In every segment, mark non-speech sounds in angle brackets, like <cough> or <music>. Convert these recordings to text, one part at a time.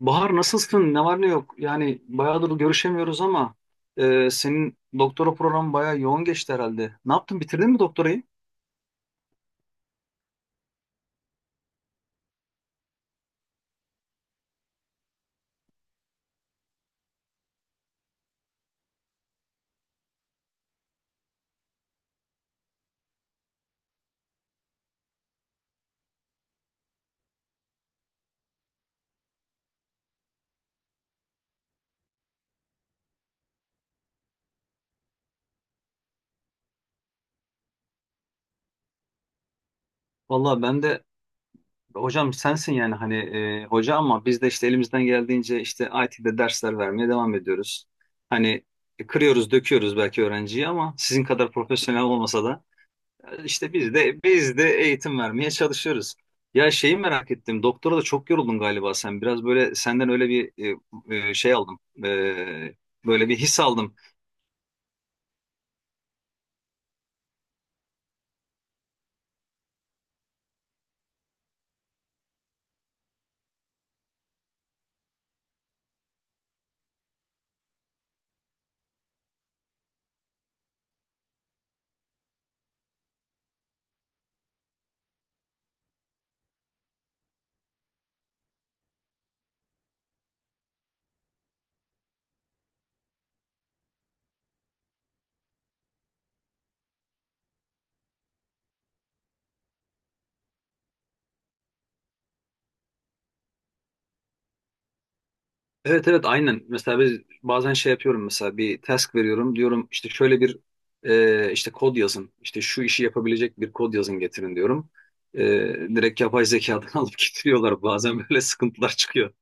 Bahar, nasılsın? Ne var ne yok? Yani bayağıdır görüşemiyoruz ama senin doktora programı bayağı yoğun geçti herhalde. Ne yaptın? Bitirdin mi doktorayı? Vallahi ben de hocam sensin yani hani hoca ama biz de işte elimizden geldiğince işte IT'de dersler vermeye devam ediyoruz. Hani kırıyoruz, döküyoruz belki öğrenciyi ama sizin kadar profesyonel olmasa da. İşte biz de eğitim vermeye çalışıyoruz. Ya, şeyi merak ettim. Doktora da çok yoruldun galiba sen. Biraz böyle senden öyle bir şey aldım. Böyle bir his aldım. Evet, evet, aynen. Mesela biz bazen şey yapıyorum, mesela bir task veriyorum. Diyorum işte şöyle bir işte kod yazın. İşte şu işi yapabilecek bir kod yazın getirin diyorum. E, Direkt yapay zekadan <laughs> alıp getiriyorlar. Bazen böyle sıkıntılar çıkıyor.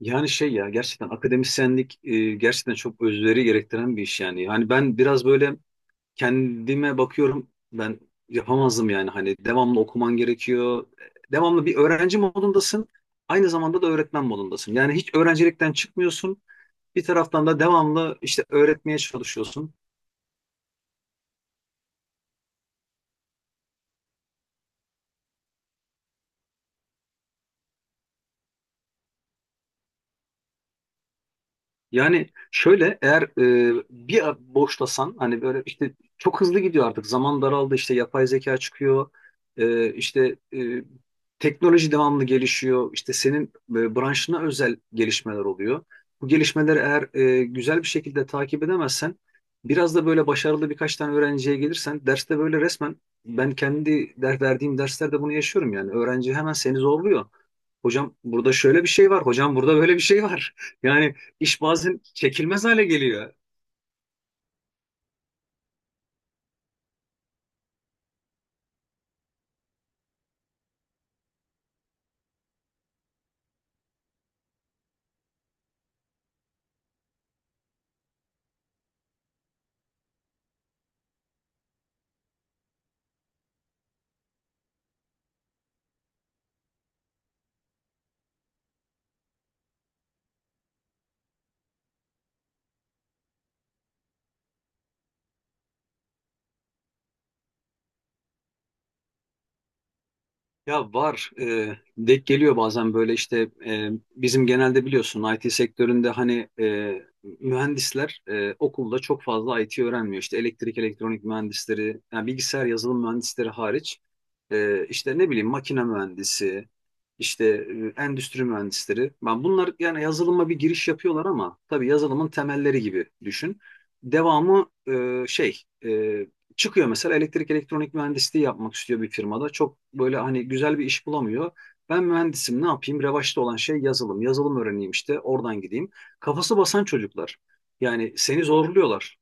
Yani şey ya, gerçekten akademisyenlik gerçekten çok özveri gerektiren bir iş yani. Hani ben biraz böyle kendime bakıyorum, ben yapamazdım yani, hani devamlı okuman gerekiyor. Devamlı bir öğrenci modundasın, aynı zamanda da öğretmen modundasın. Yani hiç öğrencilikten çıkmıyorsun, bir taraftan da devamlı işte öğretmeye çalışıyorsun. Yani şöyle, eğer bir boşlasan hani böyle, işte çok hızlı gidiyor artık, zaman daraldı, işte yapay zeka çıkıyor, işte teknoloji devamlı gelişiyor, işte senin branşına özel gelişmeler oluyor. Bu gelişmeleri eğer güzel bir şekilde takip edemezsen, biraz da böyle başarılı birkaç tane öğrenciye gelirsen derste, böyle resmen ben kendi verdiğim derslerde bunu yaşıyorum, yani öğrenci hemen seni zorluyor. Hocam burada şöyle bir şey var, hocam burada böyle bir şey var. <laughs> Yani İş bazen çekilmez hale geliyor. Ya var, denk geliyor bazen böyle, işte bizim genelde biliyorsun IT sektöründe hani mühendisler okulda çok fazla IT öğrenmiyor. İşte elektrik, elektronik mühendisleri, yani bilgisayar yazılım mühendisleri hariç, işte ne bileyim makine mühendisi, işte endüstri mühendisleri. Ben bunlar yani yazılıma bir giriş yapıyorlar, ama tabii yazılımın temelleri gibi düşün. Devamı çıkıyor mesela, elektrik elektronik mühendisliği yapmak istiyor bir firmada. Çok böyle hani güzel bir iş bulamıyor. Ben mühendisim, ne yapayım? Revaçta olan şey yazılım. Yazılım öğreneyim, işte oradan gideyim. Kafası basan çocuklar. Yani seni zorluyorlar.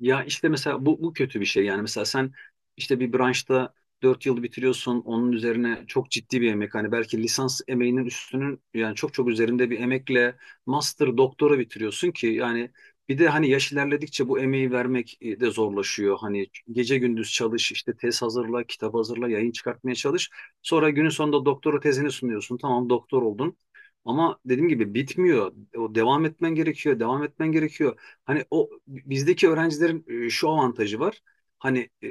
Ya işte mesela bu kötü bir şey yani, mesela sen işte bir branşta 4 yıl bitiriyorsun, onun üzerine çok ciddi bir emek, hani belki lisans emeğinin üstünün, yani çok çok üzerinde bir emekle master doktora bitiriyorsun ki yani, bir de hani yaş ilerledikçe bu emeği vermek de zorlaşıyor, hani gece gündüz çalış, işte tez hazırla, kitap hazırla, yayın çıkartmaya çalış, sonra günün sonunda doktora tezini sunuyorsun, tamam, doktor oldun, ama dediğim gibi bitmiyor, o devam etmen gerekiyor, devam etmen gerekiyor. Hani o bizdeki öğrencilerin şu avantajı var. Hani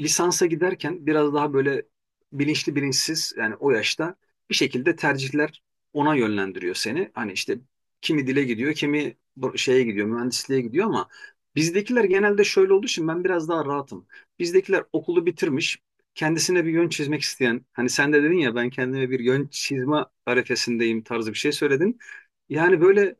lisansa giderken biraz daha böyle bilinçli, bilinçsiz yani o yaşta bir şekilde tercihler ona yönlendiriyor seni. Hani işte kimi dile gidiyor, kimi şeye gidiyor, mühendisliğe gidiyor, ama bizdekiler genelde şöyle olduğu için ben biraz daha rahatım. Bizdekiler okulu bitirmiş, kendisine bir yön çizmek isteyen, hani sen de dedin ya ben kendime bir yön çizme arifesindeyim tarzı bir şey söyledin. Yani böyle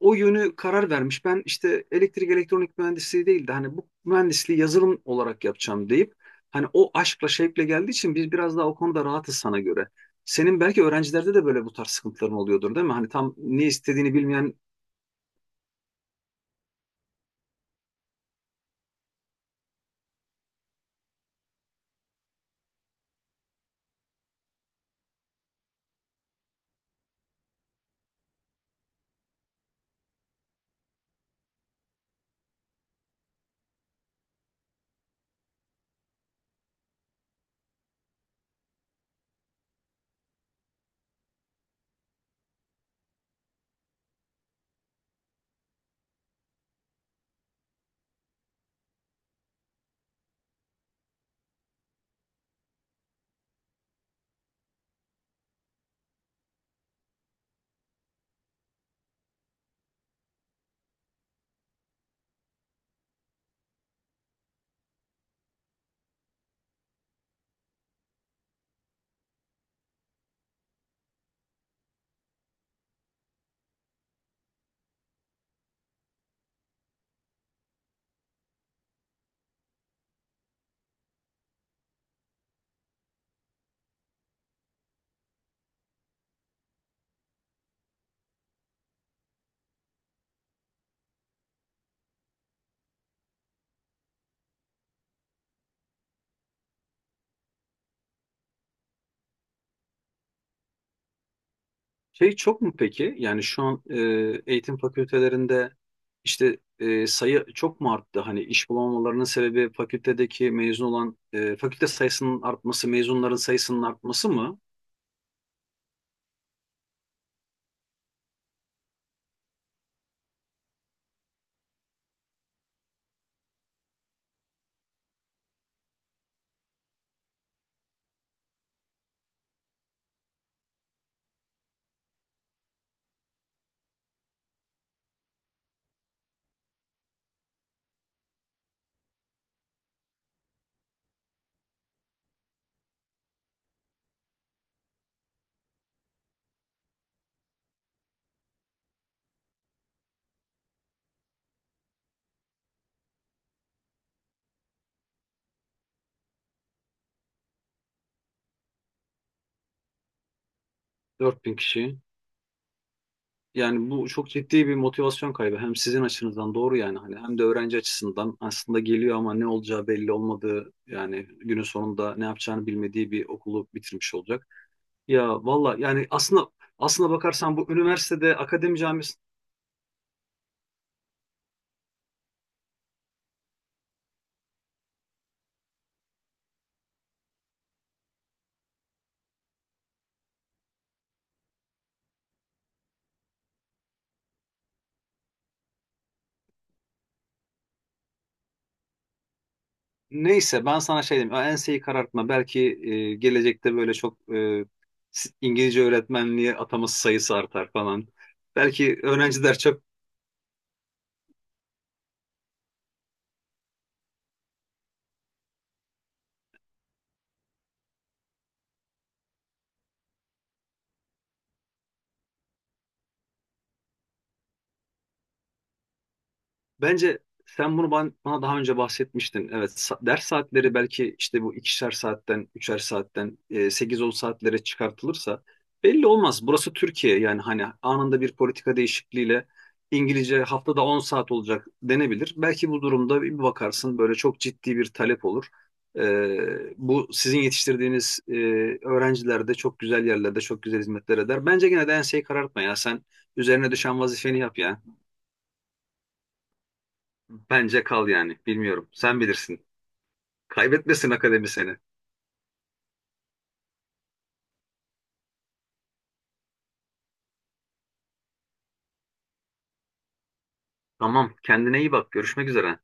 o yönü karar vermiş. Ben işte elektrik elektronik mühendisliği değil de hani bu mühendisliği yazılım olarak yapacağım deyip hani o aşkla şevkle geldiği için biz biraz daha o konuda rahatız sana göre. Senin belki öğrencilerde de böyle bu tarz sıkıntıların oluyordur, değil mi? Hani tam ne istediğini bilmeyen şey çok mu peki? Yani şu an eğitim fakültelerinde işte sayı çok mu arttı? Hani iş bulamamalarının sebebi fakültedeki mezun olan fakülte sayısının artması, mezunların sayısının artması mı? 4.000 kişi. Yani bu çok ciddi bir motivasyon kaybı. Hem sizin açınızdan doğru yani, hani hem de öğrenci açısından aslında geliyor ama ne olacağı belli olmadığı, yani günün sonunda ne yapacağını bilmediği bir okulu bitirmiş olacak. Ya valla yani aslında bakarsan bu üniversitede akademi camiası neyse, ben sana şey diyeyim, ya enseyi karartma, belki gelecekte böyle çok İngilizce öğretmenliğe ataması sayısı artar falan. Belki öğrenciler çok. Bence sen bunu bana daha önce bahsetmiştin. Evet, ders saatleri belki işte bu 2'şer saatten, 3'er saatten, 8-10 saatlere çıkartılırsa belli olmaz. Burası Türkiye yani, hani anında bir politika değişikliğiyle İngilizce haftada 10 saat olacak denebilir. Belki bu durumda bir bakarsın böyle çok ciddi bir talep olur. Bu sizin yetiştirdiğiniz öğrenciler de çok güzel yerlerde çok güzel hizmetler eder. Bence gene de enseyi karartma ya, sen üzerine düşen vazifeni yap ya. Bence kal yani. Bilmiyorum. Sen bilirsin. Kaybetmesin akademi seni. Tamam. Kendine iyi bak. Görüşmek üzere.